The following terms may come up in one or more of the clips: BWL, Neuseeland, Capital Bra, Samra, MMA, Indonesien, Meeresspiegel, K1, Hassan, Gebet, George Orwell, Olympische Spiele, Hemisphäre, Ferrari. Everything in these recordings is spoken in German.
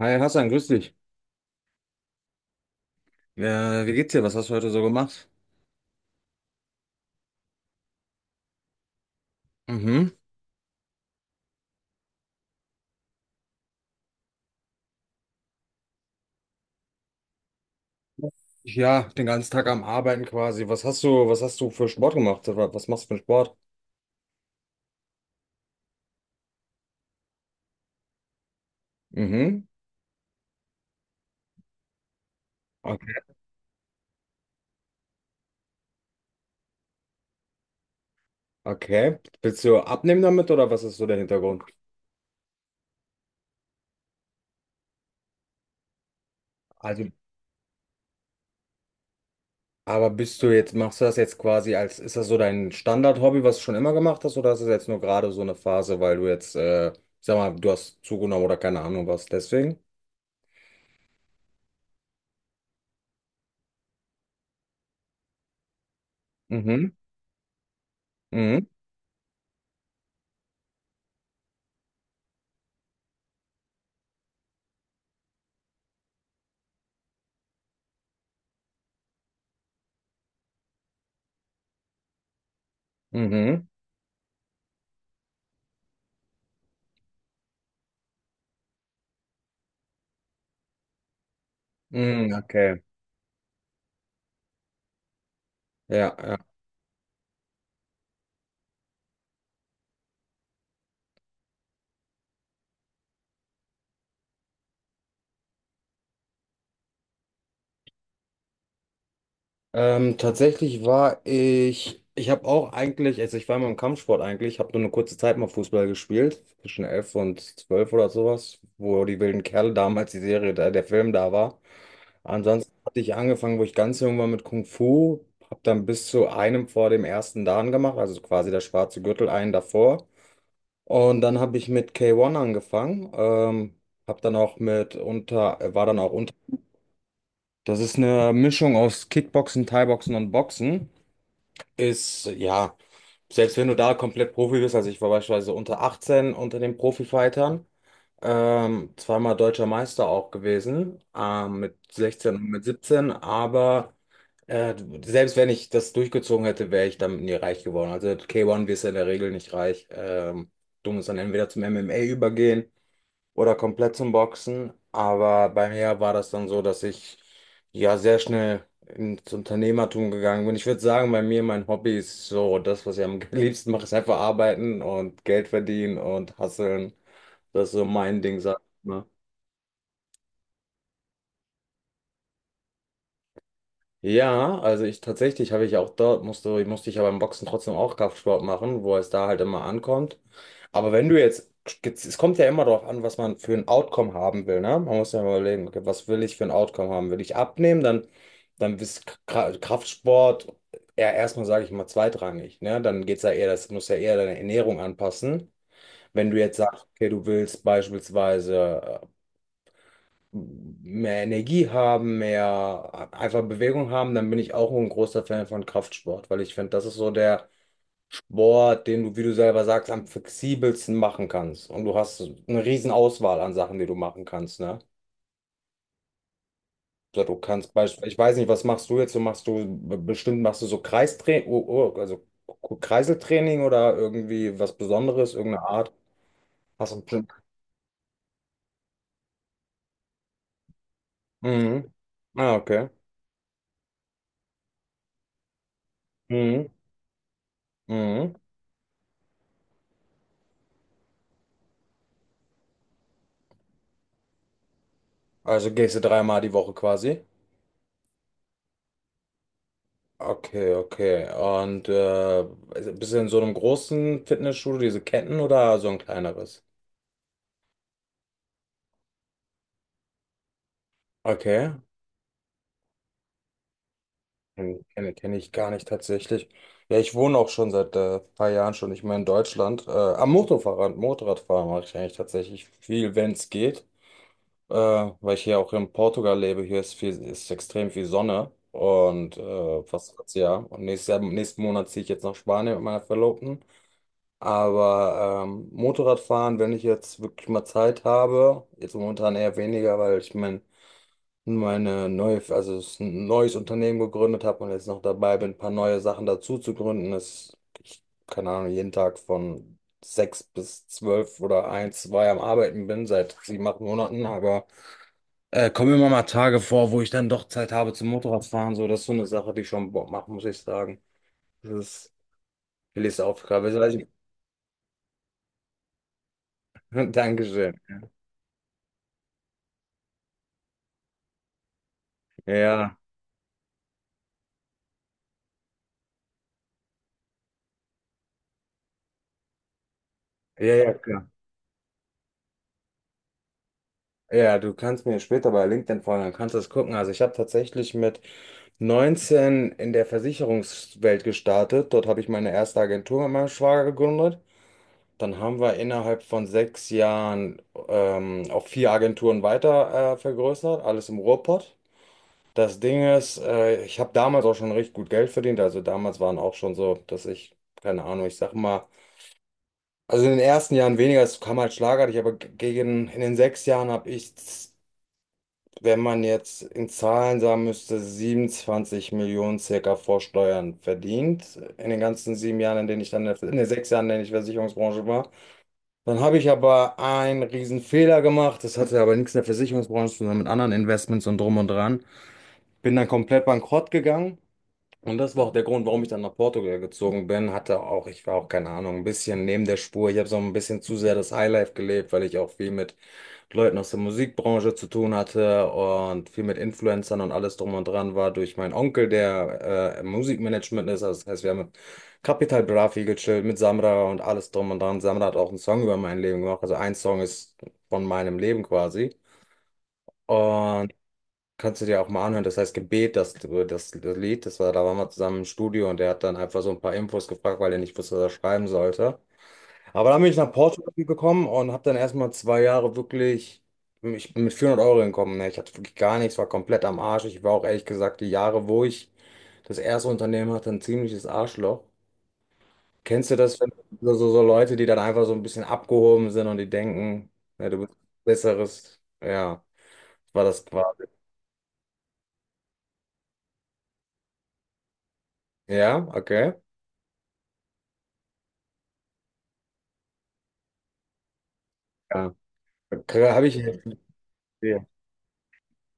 Hi Hassan, grüß dich. Wie geht's dir? Was hast du heute so gemacht? Mhm. Ja, den ganzen Tag am Arbeiten quasi. Was hast du für Sport gemacht? Was machst du für einen Sport? Mhm. Okay. Okay. Willst du abnehmen damit oder was ist so der Hintergrund? Also, aber bist du jetzt, machst du das jetzt quasi als, ist das so dein Standard-Hobby, was du schon immer gemacht hast, oder ist das jetzt nur gerade so eine Phase, weil du jetzt, sag mal, du hast zugenommen oder keine Ahnung was, deswegen? Mhm. Mhm. Mhm. Mhm. Okay. Ja, ja. Tatsächlich war ich, ich habe auch eigentlich, also ich war immer im Kampfsport eigentlich, habe nur eine kurze Zeit mal Fußball gespielt, zwischen 11 und 12 oder sowas, wo die wilden Kerle damals die Serie, da, der Film da war. Ansonsten hatte ich angefangen, wo ich ganz jung war mit Kung Fu, habe dann bis zu einem vor dem ersten Dan gemacht, also quasi der schwarze Gürtel, einen davor. Und dann habe ich mit K1 angefangen, habe dann auch mit unter, war dann auch unter. Das ist eine Mischung aus Kickboxen, Thaiboxen und Boxen ist, ja, selbst wenn du da komplett Profi bist, also ich war beispielsweise unter 18 unter den Profifightern, zweimal deutscher Meister auch gewesen, mit 16 und mit 17 aber äh, selbst wenn ich das durchgezogen hätte, wäre ich damit nie reich geworden. Also K1 wirst du in der Regel nicht reich. Du musst dann entweder zum MMA übergehen oder komplett zum Boxen. Aber bei mir war das dann so, dass ich ja sehr schnell ins Unternehmertum gegangen bin. Ich würde sagen, bei mir mein Hobby ist so, das, was ich am liebsten mache, ist einfach arbeiten und Geld verdienen und hustlen. Das ist so mein Ding, sag ich mal. Ja, also ich tatsächlich habe ich auch dort, musste ich ja beim Boxen trotzdem auch Kraftsport machen, wo es da halt immer ankommt. Aber wenn du jetzt, es kommt ja immer darauf an, was man für ein Outcome haben will, ne? Man muss ja mal überlegen, okay, was will ich für ein Outcome haben? Will ich abnehmen? Dann, dann ist Kraftsport eher erstmal, sage ich mal, zweitrangig, ne? Dann geht's ja eher, das muss ja eher deine Ernährung anpassen. Wenn du jetzt sagst, okay, du willst beispielsweise mehr Energie haben, mehr einfach Bewegung haben, dann bin ich auch ein großer Fan von Kraftsport, weil ich finde, das ist so der Sport, den du, wie du selber sagst, am flexibelsten machen kannst. Und du hast eine riesen Auswahl an Sachen, die du machen kannst, ne? So, du kannst beispielsweise, ich weiß nicht, was machst du jetzt? Du machst du bestimmt machst du so Kreistraining, oh, oh, also Kreiseltraining oder irgendwie was Besonderes, irgendeine Art. Hast du bestimmt. Mhm. Ah, okay. Mhm. Mhm. Also gehst du dreimal die Woche quasi. Okay, okay. Und also bist du in so einem großen Fitnessstudio, diese Ketten oder so ein kleineres? Okay. Kenne kenn, kenn kenn ich gar nicht tatsächlich. Ja, ich wohne auch schon seit paar Jahren schon nicht mehr in Deutschland. Motorradfahren mache ich eigentlich tatsächlich viel, wenn es geht. Weil ich hier auch in Portugal lebe, hier ist viel, ist extrem viel Sonne. Und fast das Jahr. Und nächstes Jahr, nächsten Monat ziehe ich jetzt nach Spanien mit meiner Verlobten. Aber Motorradfahren, wenn ich jetzt wirklich mal Zeit habe, jetzt momentan eher weniger, weil ich mein, meine neue, also es ist ein neues Unternehmen gegründet habe und jetzt noch dabei bin, ein paar neue Sachen dazu zu gründen. Das, ich, keine Ahnung, jeden Tag von sechs bis zwölf oder eins zwei am Arbeiten bin, seit sieben, acht Monaten. Aber kommen immer mal Tage vor, wo ich dann doch Zeit habe zum Motorradfahren. So, das ist so eine Sache, die schon Bock macht, muss ich sagen. Das ist Willis Aufgabe. Dankeschön. Ja. Ja, ja, klar. Ja, ja, du kannst mir später bei LinkedIn folgen, dann kannst du das gucken. Also ich habe tatsächlich mit 19 in der Versicherungswelt gestartet. Dort habe ich meine erste Agentur mit meinem Schwager gegründet. Dann haben wir innerhalb von 6 Jahren auf vier Agenturen weiter vergrößert, alles im Ruhrpott. Das Ding ist, ich habe damals auch schon recht gut Geld verdient. Also damals waren auch schon so, dass ich, keine Ahnung, ich sag mal, also in den ersten Jahren weniger, es kam halt schlagartig, aber gegen, in den 6 Jahren habe ich, wenn man jetzt in Zahlen sagen müsste, 27 Millionen circa vor Steuern verdient, in den ganzen 7 Jahren, in denen ich dann, in den 6 Jahren, in denen ich Versicherungsbranche war. Dann habe ich aber einen riesen Fehler gemacht. Das hatte aber nichts in der Versicherungsbranche zu tun, sondern mit anderen Investments und drum und dran. Bin dann komplett bankrott gegangen. Und das war auch der Grund, warum ich dann nach Portugal gezogen bin. Hatte auch, ich war auch, keine Ahnung, ein bisschen neben der Spur. Ich habe so ein bisschen zu sehr das Highlife gelebt, weil ich auch viel mit Leuten aus der Musikbranche zu tun hatte und viel mit Influencern und alles drum und dran war durch meinen Onkel, der im Musikmanagement ist. Also das heißt, wir haben mit Capital Bra viel gechillt, mit Samra und alles drum und dran. Samra hat auch einen Song über mein Leben gemacht. Also ein Song ist von meinem Leben quasi. Und kannst du dir auch mal anhören. Das heißt Gebet, das Lied, das war, da waren wir zusammen im Studio und der hat dann einfach so ein paar Infos gefragt, weil er nicht wusste, was er schreiben sollte. Aber dann bin ich nach Portugal gekommen und habe dann erstmal 2 Jahre wirklich, ich bin mit 400 € hingekommen. Ne? Ich hatte wirklich gar nichts, war komplett am Arsch. Ich war auch ehrlich gesagt die Jahre, wo ich das erste Unternehmen hatte, ein ziemliches Arschloch. Kennst du das, wenn so Leute, die dann einfach so ein bisschen abgehoben sind und die denken, ne, du bist besseres? Ja, war das quasi. Ja, okay. Ja. Habe ich.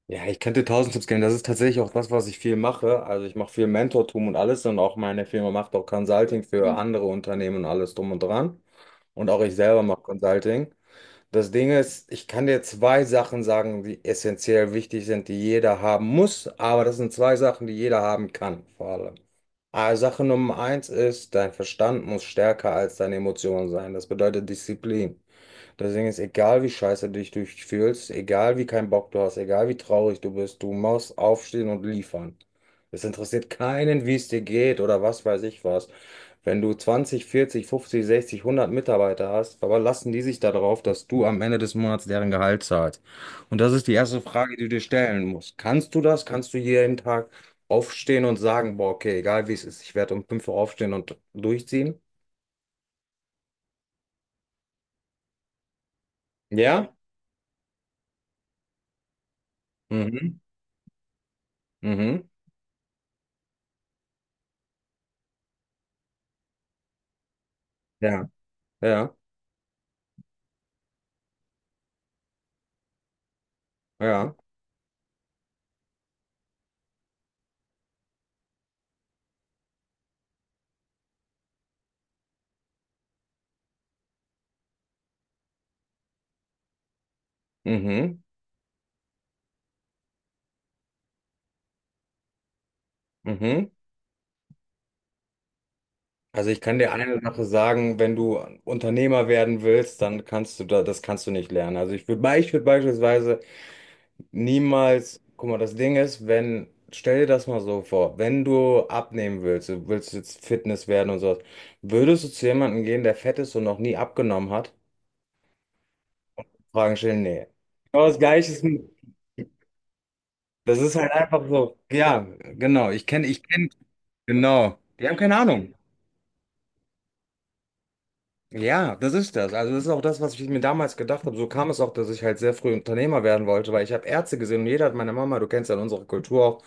Ja, ich könnte tausend Tipps geben. Das ist tatsächlich auch das, was ich viel mache. Also ich mache viel Mentortum und alles und auch meine Firma macht auch Consulting für andere Unternehmen und alles drum und dran. Und auch ich selber mache Consulting. Das Ding ist, ich kann dir zwei Sachen sagen, die essentiell wichtig sind, die jeder haben muss, aber das sind zwei Sachen, die jeder haben kann, vor allem. Also Sache Nummer eins ist, dein Verstand muss stärker als deine Emotionen sein. Das bedeutet Disziplin. Deswegen ist egal, wie scheiße du dich durchfühlst, egal wie keinen Bock du hast, egal wie traurig du bist, du musst aufstehen und liefern. Es interessiert keinen, wie es dir geht oder was weiß ich was. Wenn du 20 40 50 60 100 Mitarbeiter hast, verlassen die sich darauf, dass du am Ende des Monats deren Gehalt zahlst. Und das ist die erste Frage, die du dir stellen musst. Kannst du das? Kannst du jeden Tag aufstehen und sagen, boah, okay, egal wie es ist, ich werde um 5 Uhr aufstehen und durchziehen? Ja? Mhm. Mhm. Ja. Ja. Ja, mhm, mhm. Also ich kann dir eine Sache sagen, wenn du Unternehmer werden willst, dann kannst du da, das kannst du nicht lernen. Also ich würde beispielsweise niemals, guck mal, das Ding ist, wenn, stell dir das mal so vor, wenn du abnehmen willst, du willst jetzt Fitness werden und sowas, würdest du zu jemandem gehen, der fett ist und noch nie abgenommen hat? Fragen stellen, nee. Aber das Gleiche ist, das ist halt einfach so, ja, genau, ich kenne, genau, die haben keine Ahnung. Ja, das ist das. Also das ist auch das, was ich mir damals gedacht habe. So kam es auch, dass ich halt sehr früh Unternehmer werden wollte, weil ich habe Ärzte gesehen und jeder hat meine Mama, du kennst ja unsere Kultur auch,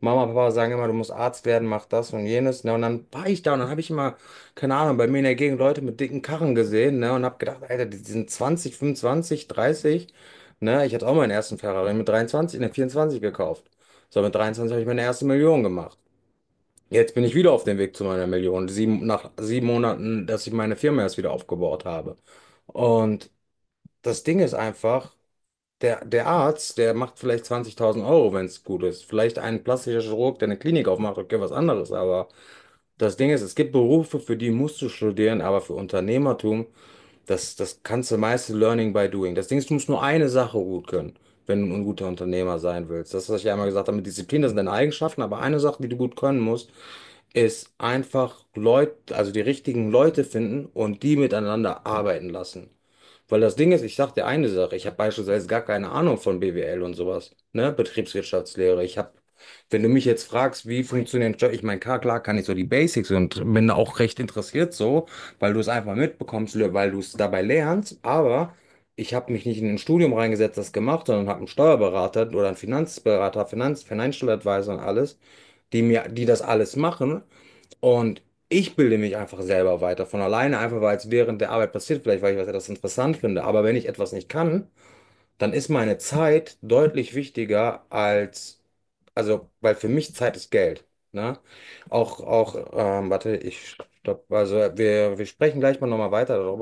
Mama, Papa sagen immer, du musst Arzt werden, mach das und jenes. Ne? Und dann war ich da und dann habe ich immer, keine Ahnung, bei mir in der Gegend Leute mit dicken Karren gesehen, ne? Und habe gedacht, Alter, die sind 20, 25, 30. Ne? Ich hatte auch meinen ersten Ferrari mit 23, ne, 24 gekauft. So, mit 23 habe ich meine erste Million gemacht. Jetzt bin ich wieder auf dem Weg zu meiner Million. Sieben, nach 7 Monaten, dass ich meine Firma erst wieder aufgebaut habe. Und das Ding ist einfach, der Arzt, der macht vielleicht 20.000 Euro, wenn es gut ist. Vielleicht ein plastischer Chirurg, der eine Klinik aufmacht, okay, was anderes. Aber das Ding ist, es gibt Berufe, für die musst du studieren, aber für Unternehmertum, das kannst du meiste Learning by Doing. Das Ding ist, du musst nur eine Sache gut können, wenn du ein guter Unternehmer sein willst. Das, was ich ja einmal gesagt habe mit Disziplin, das sind deine Eigenschaften, aber eine Sache, die du gut können musst, ist einfach Leute, also die richtigen Leute finden und die miteinander arbeiten lassen. Weil das Ding ist, ich sag dir eine Sache, ich habe beispielsweise gar keine Ahnung von BWL und sowas, ne, Betriebswirtschaftslehre. Ich habe, wenn du mich jetzt fragst, wie funktioniert, Jobs, ich meine, klar, klar kann ich so die Basics und bin da auch recht interessiert so, weil du es einfach mitbekommst, weil du es dabei lernst, aber ich habe mich nicht in ein Studium reingesetzt, das gemacht, sondern habe einen Steuerberater oder einen Finanzberater, Finanz, Financial Advisor und alles, die mir, die das alles machen, und ich bilde mich einfach selber weiter von alleine, einfach weil es während der Arbeit passiert, vielleicht weil ich was etwas interessant finde. Aber wenn ich etwas nicht kann, dann ist meine Zeit deutlich wichtiger als, also, weil für mich Zeit ist Geld. Ne? Warte, ich stopp, also wir sprechen gleich mal nochmal weiter darüber.